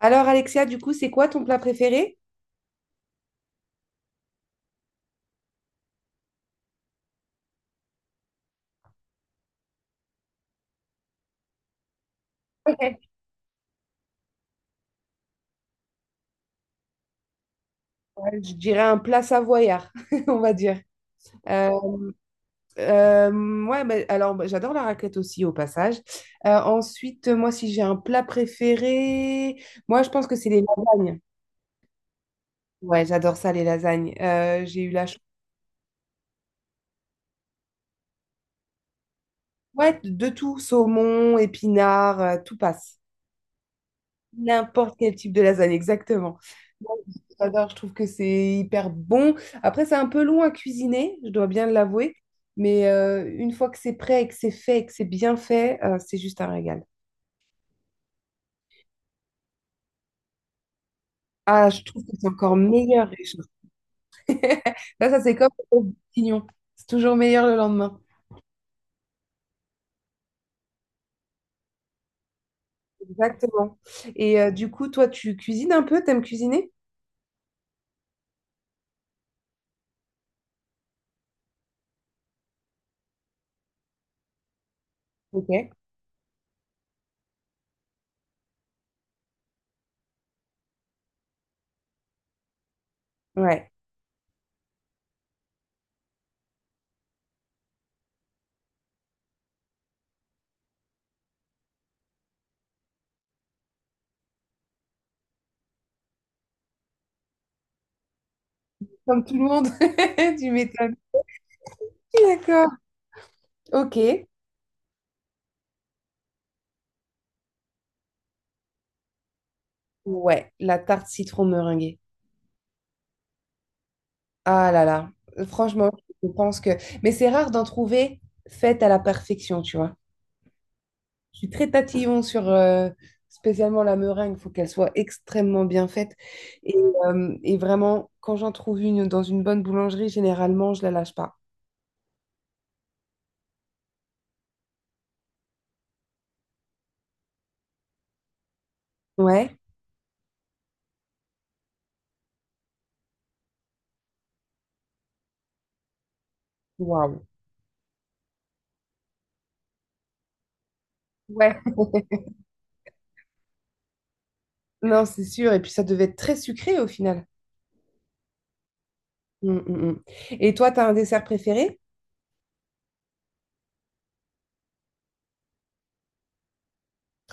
Alors, Alexia, du coup, c'est quoi ton plat préféré? Ouais. Ouais, je dirais un plat savoyard, on va dire. Euh, euh, J'adore la raclette aussi, au passage. Ensuite, moi, si j'ai un plat préféré, moi, je pense que c'est les lasagnes. Ouais, j'adore ça, les lasagnes. J'ai eu la chance. Ouais, de tout, saumon, épinards, tout passe. N'importe quel type de lasagne, exactement. Moi, j'adore, je trouve que c'est hyper bon. Après, c'est un peu long à cuisiner, je dois bien l'avouer, mais une fois que c'est prêt et que c'est fait et que c'est bien fait, c'est juste un régal. Ah, je trouve que c'est encore meilleur, Richard. Là, ça, c'est comme au bourguignon. C'est toujours meilleur le lendemain. Exactement. Et du coup, toi, tu cuisines un peu? T'aimes cuisiner? Ok. Ouais. Comme tout le monde, tu m'étonnes. D'accord. Ok. Ouais, la tarte citron meringuée. Ah là là, franchement, je pense que… Mais c'est rare d'en trouver faite à la perfection, tu vois. Je suis très tatillon sur spécialement la meringue, il faut qu'elle soit extrêmement bien faite. Et, et vraiment, quand j'en trouve une dans une bonne boulangerie, généralement, je la lâche pas. Ouais, waouh. Ouais. Non, c'est sûr. Et puis ça devait être très sucré au final. Hum, hum, hum. Et toi, t'as un dessert préféré?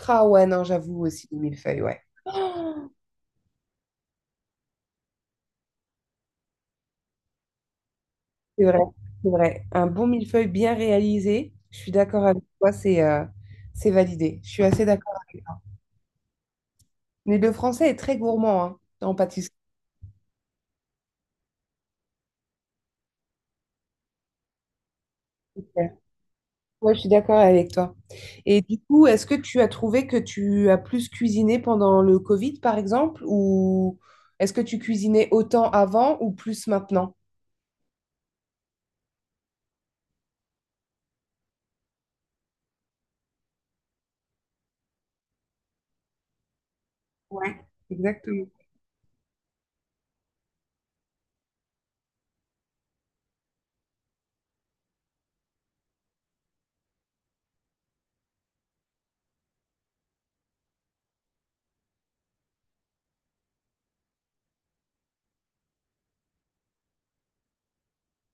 Ah ouais, non, j'avoue aussi, les millefeuilles, ouais. C'est vrai, c'est vrai. Un bon millefeuille bien réalisé, je suis d'accord avec toi, c'est validé. Je suis assez d'accord avec toi. Mais le français est très gourmand hein, en pâtisserie. Ouais, je suis d'accord avec toi. Et du coup, est-ce que tu as trouvé que tu as plus cuisiné pendant le Covid, par exemple, ou est-ce que tu cuisinais autant avant ou plus maintenant? Ouais, exactement.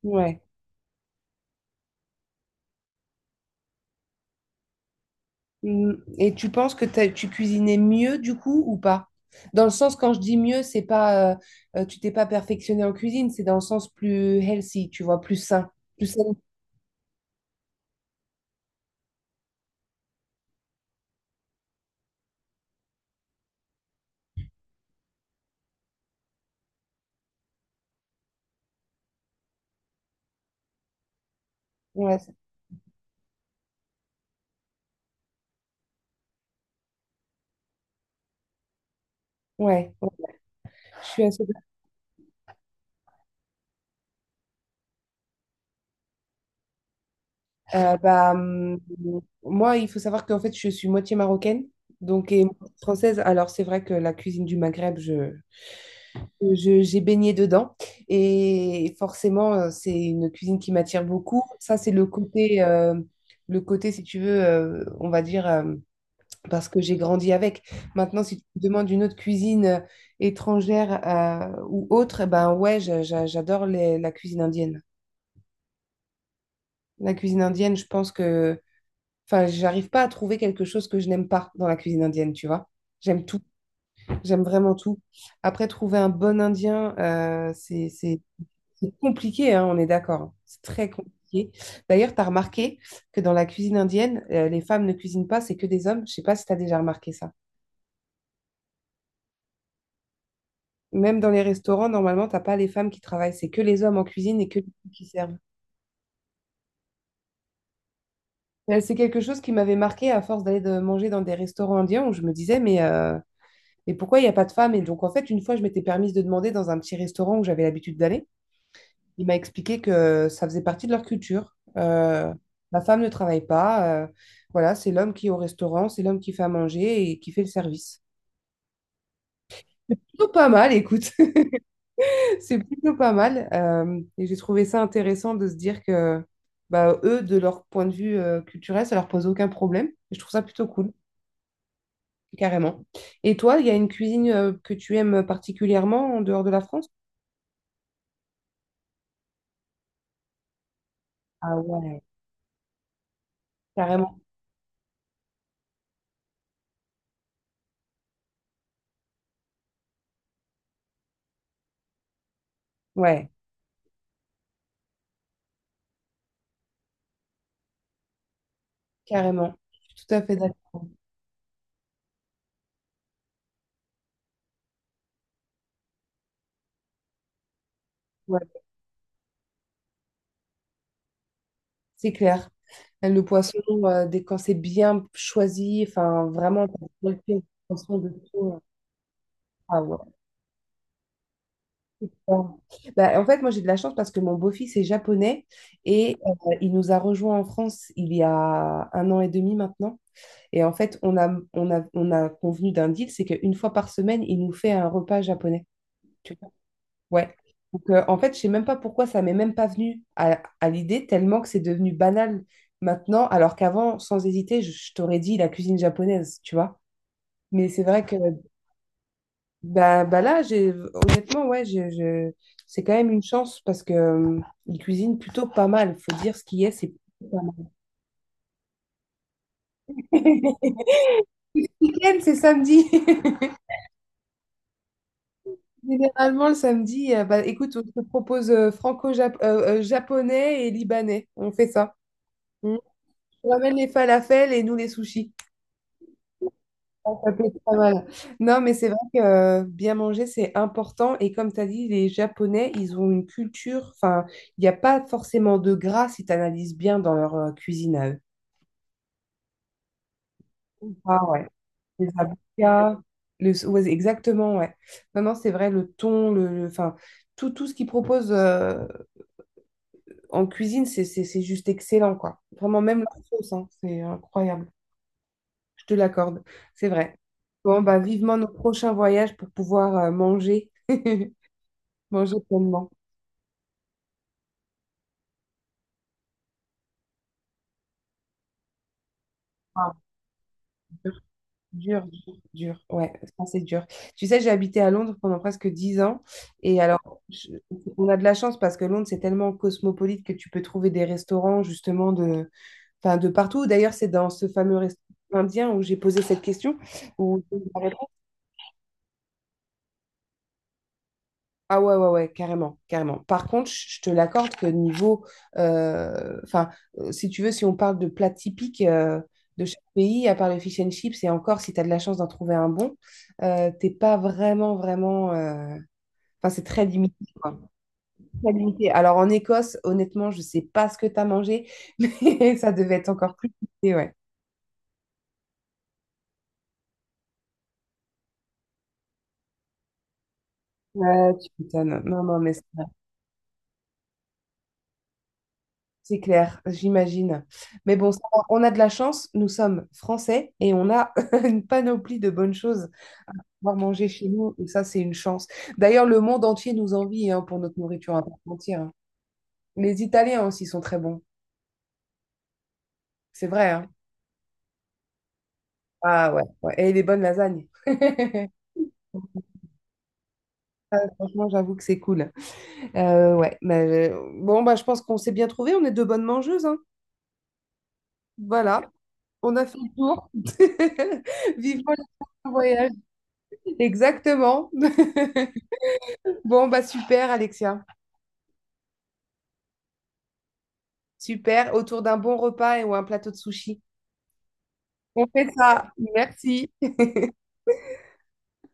Ouais. Mm. Et tu penses que tu cuisinais mieux du coup ou pas? Dans le sens, quand je dis mieux, c'est pas tu t'es pas perfectionné en cuisine, c'est dans le sens plus healthy, tu vois, plus sain. Plus sain. Ouais, c'est- ouais, ouais, je suis assez d'accord. Euh, bah, hum, Moi, il faut savoir qu'en fait, je suis moitié marocaine, donc et moitié française. Alors, c'est vrai que la cuisine du Maghreb, j'ai baigné dedans. Et forcément, c'est une cuisine qui m'attire beaucoup. Ça, c'est le côté, si tu veux, on va dire, parce que j'ai grandi avec. Maintenant, si tu me demandes une autre cuisine étrangère ou autre, eh ben ouais, j'adore la cuisine indienne. La cuisine indienne, je pense que, enfin, j'arrive pas à trouver quelque chose que je n'aime pas dans la cuisine indienne, tu vois. J'aime tout. J'aime vraiment tout. Après, trouver un bon Indien, c'est compliqué, hein, on est d'accord. Hein. C'est très compliqué. D'ailleurs, tu as remarqué que dans la cuisine indienne, les femmes ne cuisinent pas, c'est que des hommes. Je sais pas si tu as déjà remarqué ça. Même dans les restaurants, normalement, t'as pas les femmes qui travaillent, c'est que les hommes en cuisine et que les femmes qui servent. C'est quelque chose qui m'avait marqué à force manger dans des restaurants indiens où je me disais, mais pourquoi il n'y a pas de femmes? Et donc, en fait, une fois, je m'étais permise de demander dans un petit restaurant où j'avais l'habitude d'aller. Il m'a expliqué que ça faisait partie de leur culture. La femme ne travaille pas. Voilà, c'est l'homme qui est au restaurant, c'est l'homme qui fait à manger et qui fait le service. Plutôt pas mal, écoute. C'est plutôt pas mal. Et j'ai trouvé ça intéressant de se dire que bah, eux, de leur point de vue culturel, ça leur pose aucun problème. Et je trouve ça plutôt cool, carrément. Et toi, il y a une cuisine que tu aimes particulièrement en dehors de la France? Ah ouais, carrément. Ouais, carrément. Je suis tout à fait d'accord. Ouais. C'est clair. Le poisson, dès quand c'est bien choisi, enfin vraiment, t'as bien fait attention de tout. Euh. Ah ouais. Ouais. Bah, en fait, moi j'ai de la chance parce que mon beau-fils est japonais et il nous a rejoints en France il y a un an et demi maintenant. Et en fait, on a convenu d'un deal, c'est qu'une fois par semaine, il nous fait un repas japonais. Ouais. Donc, en fait, je sais même pas pourquoi ça m'est même pas venu à l'idée, tellement que c'est devenu banal maintenant, alors qu'avant, sans hésiter, je t'aurais dit la cuisine japonaise, tu vois. Mais c'est vrai que bah, bah là, j'ai, honnêtement, ouais, c'est quand même une chance parce que ils cuisinent plutôt pas mal. Faut dire ce qui est, c'est plutôt pas mal. Week-end, c'est samedi. Généralement, le samedi, bah, écoute, on te propose franco-japonais et libanais. On fait ça. On ramène les falafels et nous les sushis. Ah, ça peut être pas mal. Non, mais c'est vrai que bien manger, c'est important. Et comme tu as dit, les Japonais, ils ont une culture, enfin, il n'y a pas forcément de gras si tu analyses bien dans leur cuisine à eux. Ah ouais, les avocats, le, ouais, exactement, ouais. Non, non, c'est vrai, le thon, enfin, tout, tout ce qu'ils proposent en cuisine, c'est juste excellent, quoi. Vraiment, même leur sauce, hein, c'est incroyable. Je te l'accorde, c'est vrai. Bon, bah, vivement nos prochains voyages pour pouvoir manger. Manger pleinement. Ah, dur, dur, dur. Dur. Ouais, ça c'est dur. Tu sais, j'ai habité à Londres pendant presque 10 ans. Et alors, je- on a de la chance parce que Londres, c'est tellement cosmopolite que tu peux trouver des restaurants justement de, enfin, de partout. D'ailleurs, c'est dans ce fameux restaurant indien où j'ai posé cette question, où ah ouais, ouais, ouais, carrément, carrément. Par contre, je te l'accorde que niveau, enfin, si tu veux, si on parle de plats typiques de chaque pays, à part le fish and chips, et encore, si tu as de la chance d'en trouver un bon, t'es pas vraiment, vraiment… Enfin, c'est très limité, quoi. Très limité. Alors, en Écosse, honnêtement, je sais pas ce que tu as mangé, mais ça devait être encore plus limité, ouais. Ouais, tu m'étonnes. Non, non, mais… c'est clair, j'imagine. Mais bon, ça, va, on a de la chance, nous sommes français et on a une panoplie de bonnes choses à pouvoir manger chez nous. Et ça, c'est une chance. D'ailleurs, le monde entier nous envie hein, pour notre nourriture à part entière, hein. Les Italiens aussi sont très bons. C'est vrai, hein. Ah ouais, ouais. Et les bonnes lasagnes. Franchement, j'avoue que c'est cool. Ouais, mais bon, bah, je pense qu'on s'est bien trouvés. On est deux bonnes mangeuses, hein. Voilà, on a fait le tour. Vivement le voyage. Exactement. Bon, bah super, Alexia. Super, autour d'un bon repas et ou un plateau de sushi. On fait ça. Merci.